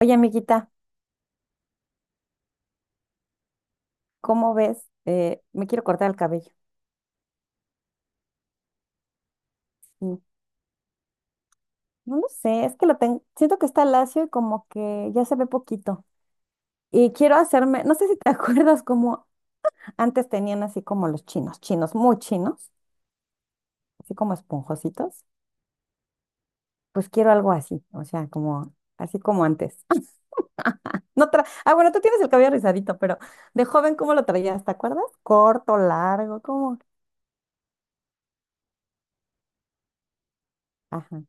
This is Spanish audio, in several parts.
Oye, amiguita, ¿cómo ves? Me quiero cortar el cabello. Mm. No lo sé, es que lo tengo, siento que está lacio y como que ya se ve poquito. Y quiero hacerme, no sé si te acuerdas como antes tenían así como los chinos, chinos muy chinos, así como esponjositos. Pues quiero algo así, o sea, como así como antes. No tra- ah, bueno, tú tienes el cabello rizadito, pero de joven, ¿cómo lo traías? ¿Te acuerdas? Corto, largo, ¿cómo? Ajá.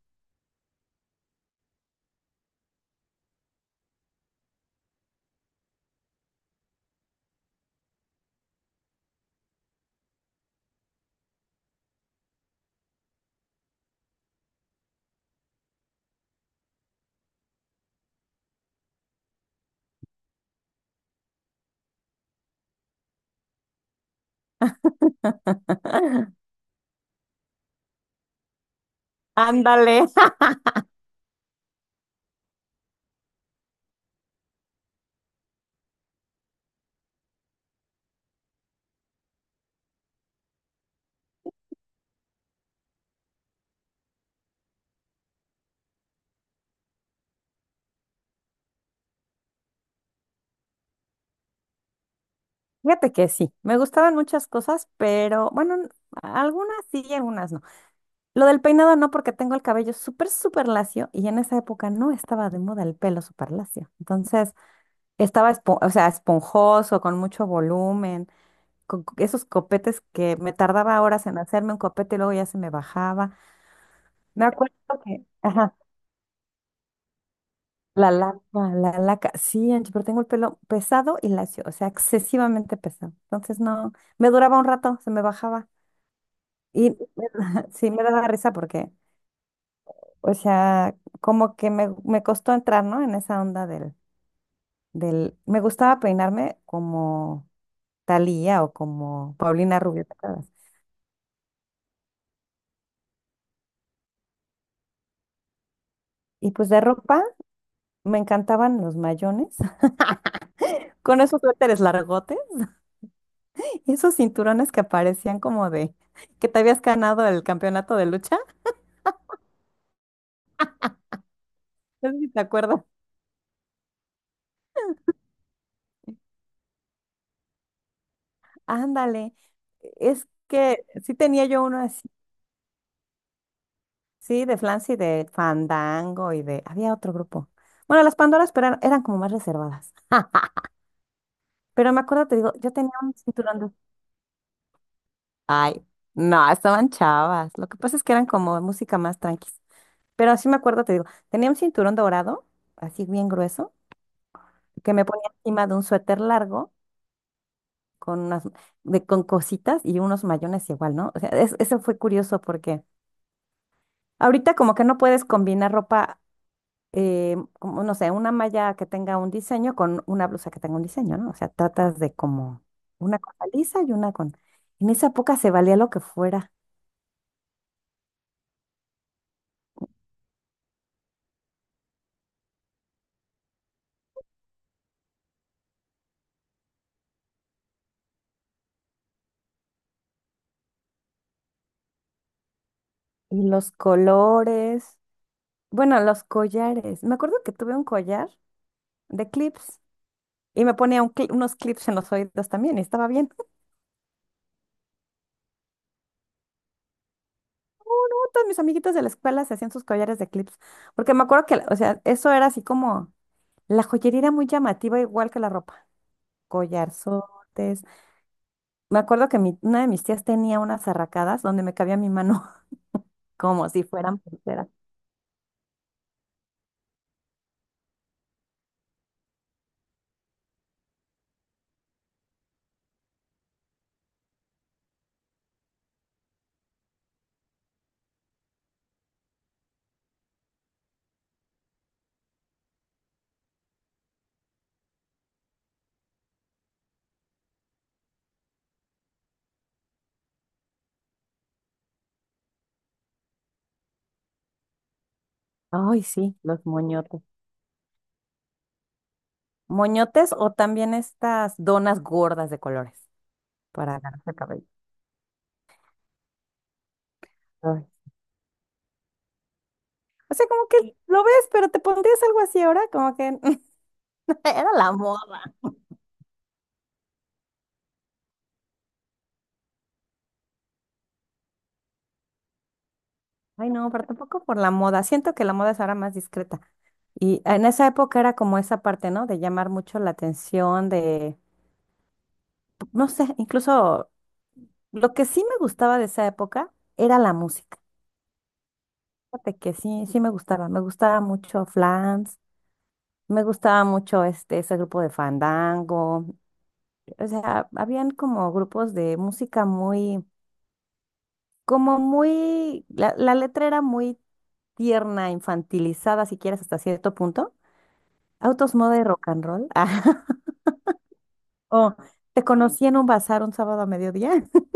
Ándale. Fíjate que sí, me gustaban muchas cosas, pero bueno, algunas sí y algunas no. Lo del peinado no, porque tengo el cabello súper, súper lacio y en esa época no estaba de moda el pelo súper lacio. Entonces estaba, o sea, esponjoso, con mucho volumen, esos copetes que me tardaba horas en hacerme un copete y luego ya se me bajaba. Me acuerdo que, ajá, la laca, la laca, sí, Angie, pero tengo el pelo pesado y lacio, o sea, excesivamente pesado. Entonces no, me duraba un rato, se me bajaba. Y sí me daba risa porque, o sea, como que me costó entrar, ¿no? En esa onda del... Me gustaba peinarme como Thalía o como Paulina Rubio, ¿te acuerdas? Y pues de ropa me encantaban los mayones, con esos suéteres largotes y esos cinturones que parecían como de que te habías ganado el campeonato de lucha. No sé si te acuerdas. Ándale, es que sí tenía yo uno así. Sí, de Flancy, de Fandango y de... Había otro grupo. Bueno, las Pandoras, pero eran como más reservadas. Pero me acuerdo, te digo, yo tenía un cinturón de... Ay, no, estaban chavas. Lo que pasa es que eran como música más tranquis. Pero sí me acuerdo, te digo, tenía un cinturón dorado, así bien grueso, que me ponía encima de un suéter largo con unas, de, con cositas y unos mayones igual, ¿no? O sea, eso fue curioso porque ahorita como que no puedes combinar ropa, como no sé, una malla que tenga un diseño con una blusa que tenga un diseño, ¿no? O sea, tratas de como una cosa lisa y una con... En esa época se valía lo que fuera. Y los colores, bueno, los collares. Me acuerdo que tuve un collar de clips y me ponía un unos clips en los oídos también y estaba bien. Todos mis amiguitos de la escuela se hacían sus collares de clips, porque me acuerdo que, o sea, eso era así como, la joyería era muy llamativa igual que la ropa. Collarzotes. Me acuerdo que una de mis tías tenía unas arracadas donde me cabía mi mano como si fueran pulseras. Ay, sí, los moñotes. Moñotes o también estas donas gordas de colores para agarrarse el cabello. Ay. O sea, como que, sí, lo ves, pero te pondrías algo así ahora, como que era la moda. Ay, no, pero tampoco por la moda. Siento que la moda es ahora más discreta. Y en esa época era como esa parte, ¿no? De llamar mucho la atención, de, no sé, incluso lo que sí me gustaba de esa época era la música. Fíjate que sí, sí me gustaba, mucho Flans, me gustaba mucho este, ese grupo de Fandango, o sea, habían como grupos de música muy, como muy, la letra era muy tierna, infantilizada, si quieres, hasta cierto punto. Autos, moda y rock and roll. Ah, o te conocí en un bazar un sábado a mediodía.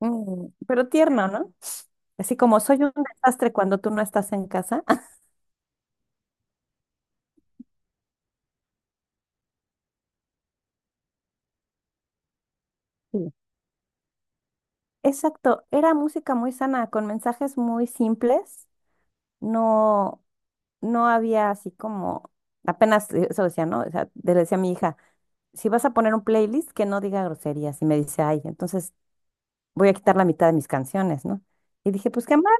Mm, pero tierno, ¿no? Así como soy un desastre cuando tú no estás en casa. Exacto, era música muy sana, con mensajes muy simples, no, no había así como, apenas, eso decía, ¿no? O sea, le decía a mi hija, si vas a poner un playlist que no diga groserías, y me dice, ay, entonces voy a quitar la mitad de mis canciones, ¿no? Y dije,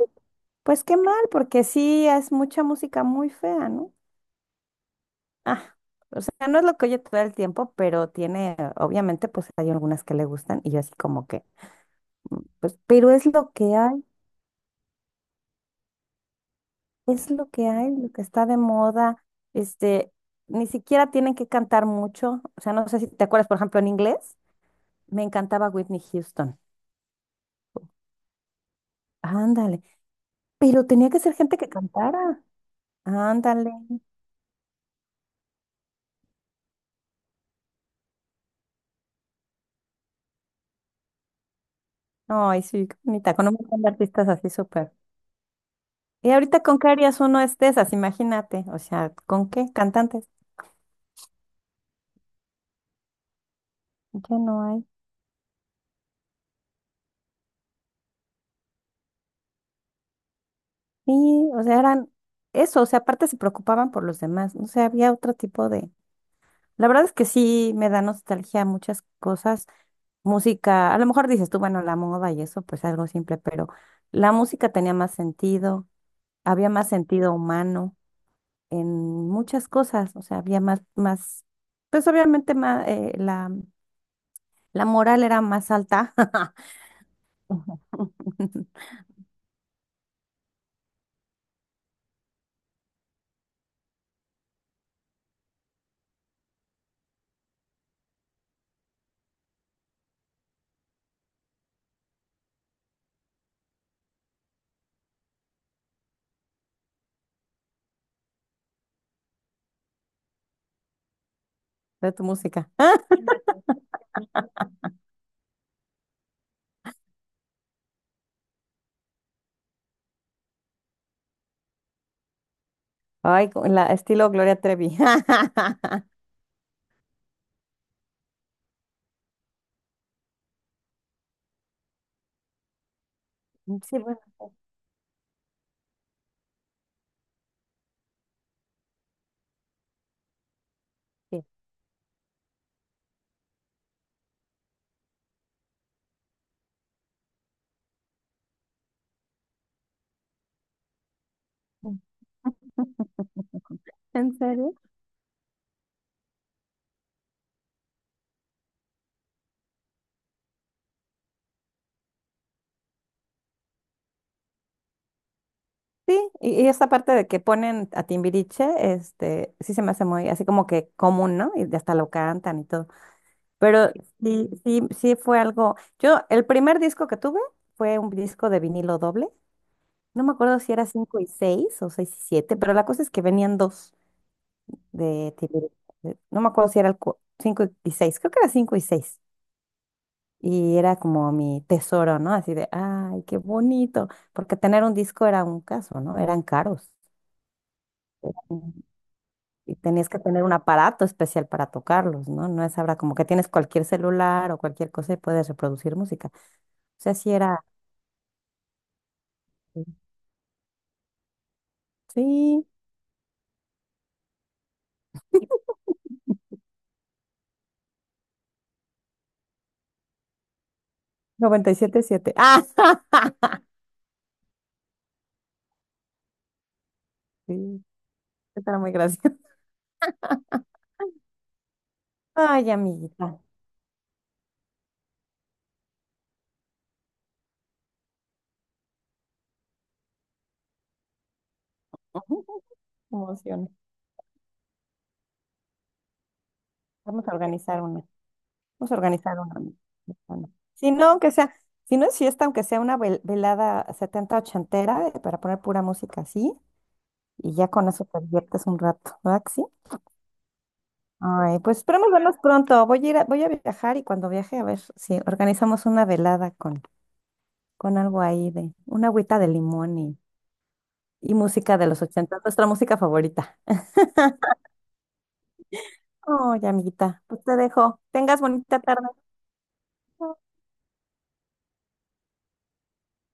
pues qué mal, porque sí es mucha música muy fea, ¿no? Ah, o sea, no es lo que oye todo el tiempo, pero tiene, obviamente, pues hay algunas que le gustan, y yo así como que, pues, pero es lo que hay. Es lo que hay, lo que está de moda. Este, Ni siquiera tienen que cantar mucho. O sea, no sé si te acuerdas, por ejemplo, en inglés, me encantaba Whitney Houston. Ándale. Pero tenía que ser gente que cantara. Ándale. Ay, sí, qué bonita, con un montón de artistas así súper. ¿Y ahorita con qué harías uno es de esas? Imagínate. O sea, ¿con qué? Cantantes. Ya no hay. Y, o sea, eran eso. O sea, aparte se preocupaban por los demás. No sé, había otro tipo de. La verdad es que sí me da nostalgia muchas cosas. Música, a lo mejor dices tú, bueno, la moda y eso, pues algo simple, pero la música tenía más sentido, había más sentido humano en muchas cosas, o sea, había más, pues obviamente más, la moral era más alta. Ujú. De tu música. Ay, con la estilo Gloria Trevi. Sí, bueno, sí. ¿En serio? Sí, y esa parte de que ponen a Timbiriche, sí se me hace muy así como que común, ¿no? Y hasta lo cantan y todo. Pero sí, sí, sí fue algo. Yo, el primer disco que tuve fue un disco de vinilo doble. No me acuerdo si era 5 y 6 o 6 y siete, pero la cosa es que venían dos de Timbiriche. No me acuerdo si era el 5 y seis, creo que era 5 y seis. Y era como mi tesoro, ¿no? Así de, ay, qué bonito. Porque tener un disco era un caso, ¿no? Eran caros. Ujú. Y tenías que tener un aparato especial para tocarlos, ¿no? No es ahora como que tienes cualquier celular o cualquier cosa y puedes reproducir música. O sea, sí era. Sí, 97.7. Ah, sí, estará muy gracioso. Ay, amiguita. Emociones. Vamos a organizar una. Vamos a organizar una. Bueno, si no, aunque sea, si no es fiesta, aunque sea una velada 70 ochentera, para poner pura música así, y ya con eso te diviertes un rato, ¿verdad que sí? Ay, pues esperemos vernos pronto. Voy a viajar y cuando viaje a ver si organizamos una velada con, algo ahí de una agüita de limón y música de los 80, nuestra música favorita. Oye, amiguita, pues te dejo. Tengas bonita tarde.